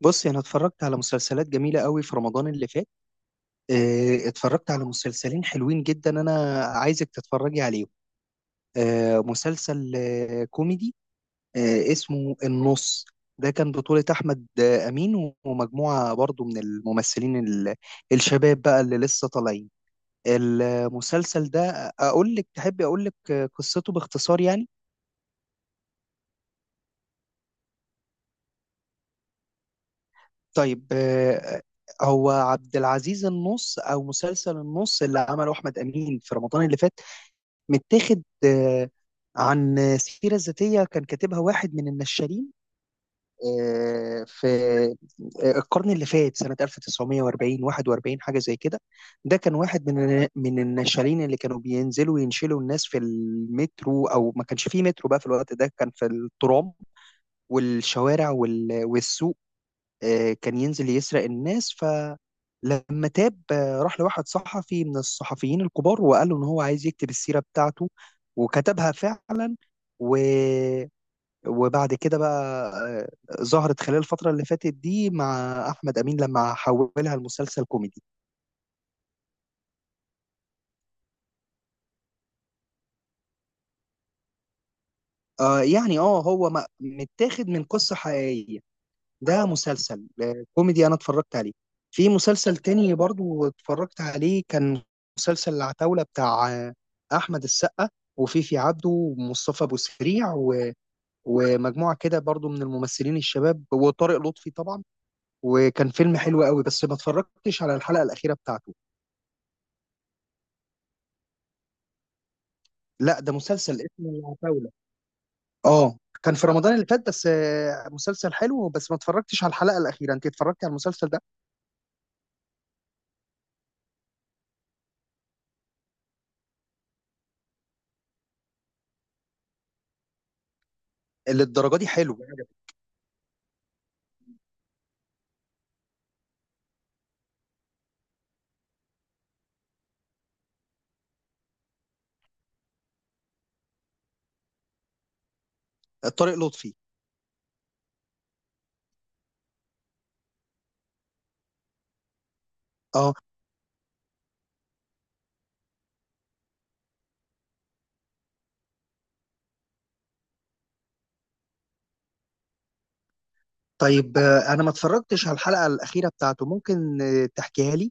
بصي انا اتفرجت على مسلسلات جميله قوي في رمضان اللي فات. اتفرجت على مسلسلين حلوين جدا، انا عايزك تتفرجي عليهم. مسلسل كوميدي، اسمه النص. ده كان بطولة أحمد أمين ومجموعة برضو من الممثلين الشباب بقى اللي لسه طالعين. المسلسل ده أقول لك، تحبي أقول لك قصته باختصار يعني؟ طيب، هو عبد العزيز النص أو مسلسل النص اللي عمله أحمد أمين في رمضان اللي فات، متاخد عن سيرة ذاتية كان كاتبها واحد من النشالين في القرن اللي فات سنة 1940، 41، حاجة زي كده. ده كان واحد من النشالين اللي كانوا بينزلوا ينشلوا الناس في المترو، أو ما كانش فيه مترو بقى في الوقت ده، كان في الترام والشوارع والسوق. كان ينزل يسرق الناس، فلما تاب راح لواحد صحفي من الصحفيين الكبار وقال له ان هو عايز يكتب السيرة بتاعته، وكتبها فعلا. و... وبعد كده بقى ظهرت خلال الفترة اللي فاتت دي مع أحمد أمين لما حولها لمسلسل كوميدي. آه يعني اه، هو متاخد من قصة حقيقية. ده مسلسل كوميدي انا اتفرجت عليه. في مسلسل تاني برضو اتفرجت عليه، كان مسلسل العتاولة بتاع احمد السقا وفيفي عبده ومصطفى ابو سريع ومجموعة كده برضو من الممثلين الشباب وطارق لطفي طبعا. وكان فيلم حلو قوي، بس ما اتفرجتش على الحلقة الأخيرة بتاعته. لا، ده مسلسل اسمه العتاولة، اه. كان في رمضان اللي فات، بس مسلسل حلو، بس ما اتفرجتش على الحلقة الأخيرة. انت اتفرجتي على المسلسل ده؟ اللي الدرجة دي حلو؟ طارق لطفي. اه، طيب، انا ما اتفرجتش على الحلقه الاخيره بتاعته، ممكن تحكيها لي؟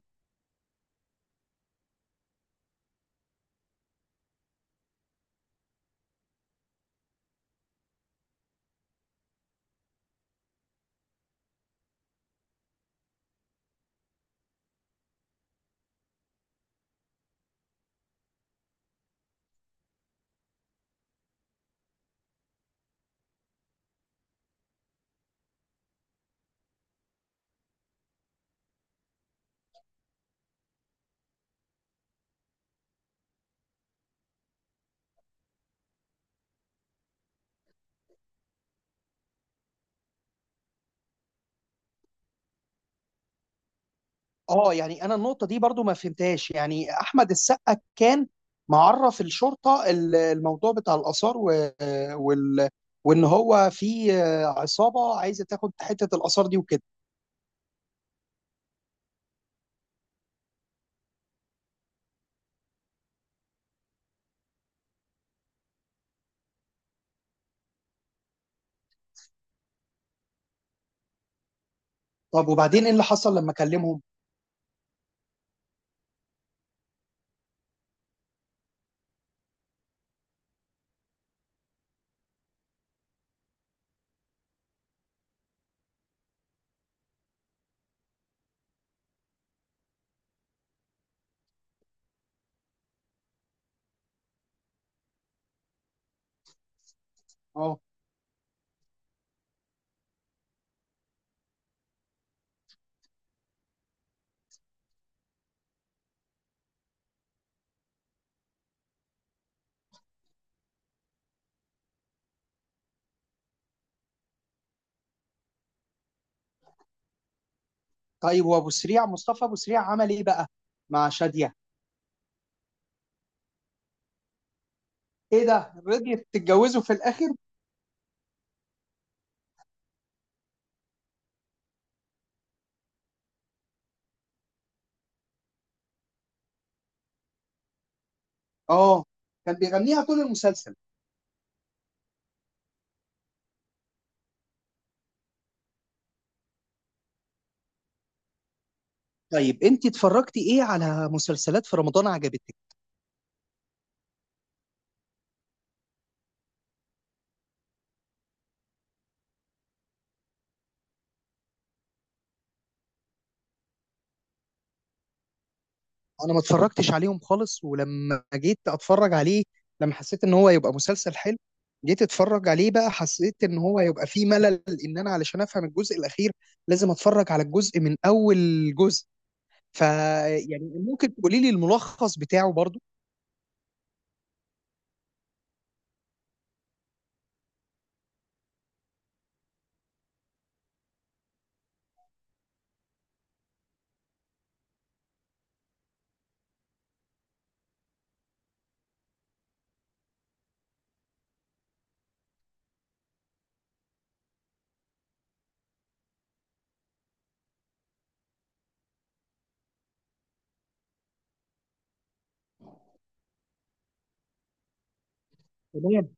اه يعني انا النقطه دي برضو ما فهمتهاش. يعني احمد السقا كان معرف الشرطه الموضوع بتاع الاثار وال... وان هو في عصابه عايزه تاخد حته الاثار دي وكده. طب وبعدين ايه اللي حصل لما كلمهم؟ اه. طيب وابو سريع، مصطفى ابو سريع عمل ايه بقى مع شاديه؟ ايه ده، رضيت تتجوزه في الاخر؟ اه، كان بيغنيها طول المسلسل. طيب انت اتفرجتي ايه على مسلسلات في رمضان عجبتك؟ انا ما اتفرجتش عليهم خالص، ولما جيت اتفرج عليه، لما حسيت ان هو يبقى مسلسل حلو، جيت اتفرج عليه بقى، حسيت ان هو يبقى فيه ملل، ان انا علشان افهم الجزء الاخير لازم اتفرج على الجزء من اول جزء. ف يعني ممكن تقولي لي الملخص بتاعه برضو؟ تمام.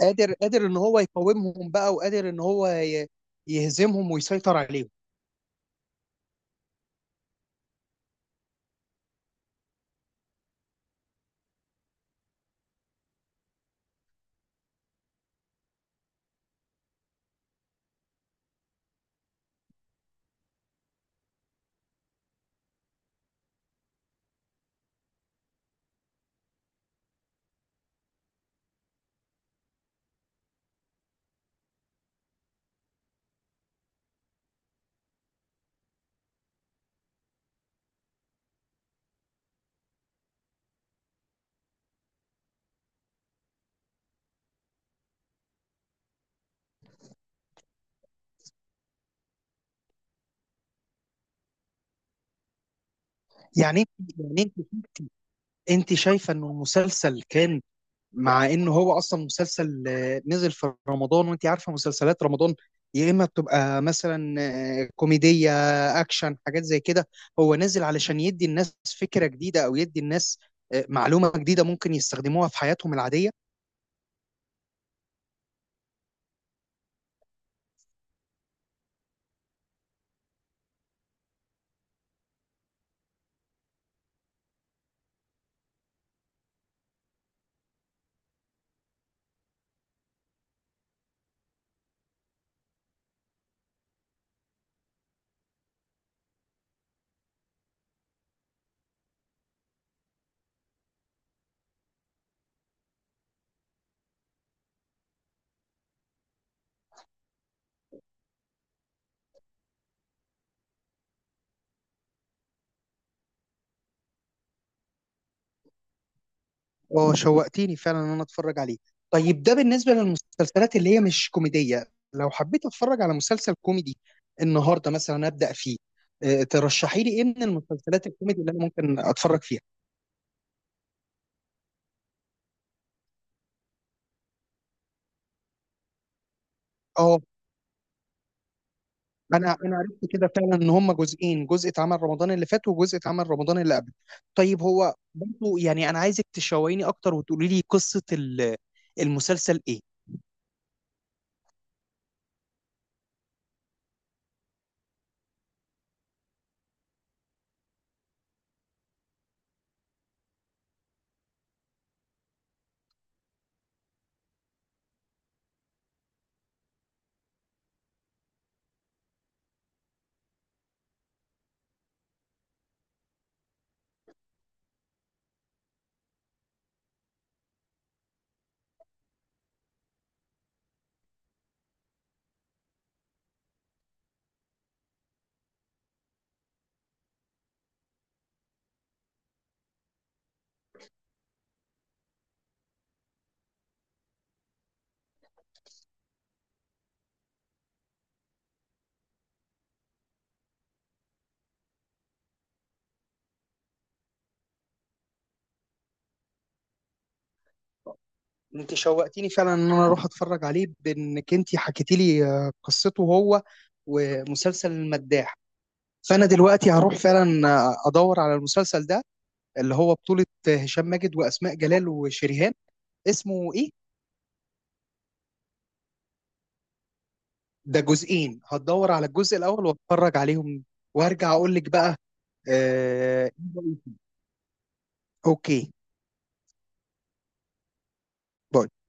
قادر، ان هو يقاومهم بقى، وقادر ان هو يهزمهم ويسيطر عليهم. يعني انت يعني انت انت شايفه انه المسلسل كان، مع ان هو اصلا مسلسل نزل في رمضان، وانت عارفه مسلسلات رمضان يا اما بتبقى مثلا كوميديه، اكشن، حاجات زي كده. هو نزل علشان يدي الناس فكره جديده، او يدي الناس معلومه جديده ممكن يستخدموها في حياتهم العاديه. اه، شوقتيني فعلا ان انا اتفرج عليه. طيب ده بالنسبه للمسلسلات اللي هي مش كوميديه، لو حبيت اتفرج على مسلسل كوميدي النهارده مثلا ابدا فيه، ترشحي لي ايه من المسلسلات الكوميدي اللي انا ممكن اتفرج فيها؟ اه، انا عرفت كده فعلا ان هم جزئين، جزء اتعمل رمضان اللي فات وجزء اتعمل رمضان اللي قبل. طيب هو برضه، يعني انا عايزك تشوقيني اكتر وتقولي لي قصة المسلسل ايه. انت شوقتيني فعلا ان انا اروح اتفرج عليه بانك انت حكيتي لي قصته، هو ومسلسل المداح. فانا دلوقتي هروح فعلا ادور على المسلسل ده اللي هو بطولة هشام ماجد واسماء جلال وشريهان. اسمه ايه؟ ده جزئين، هتدور على الجزء الاول واتفرج عليهم وارجع اقول لك بقى. آه، اوكي، باي.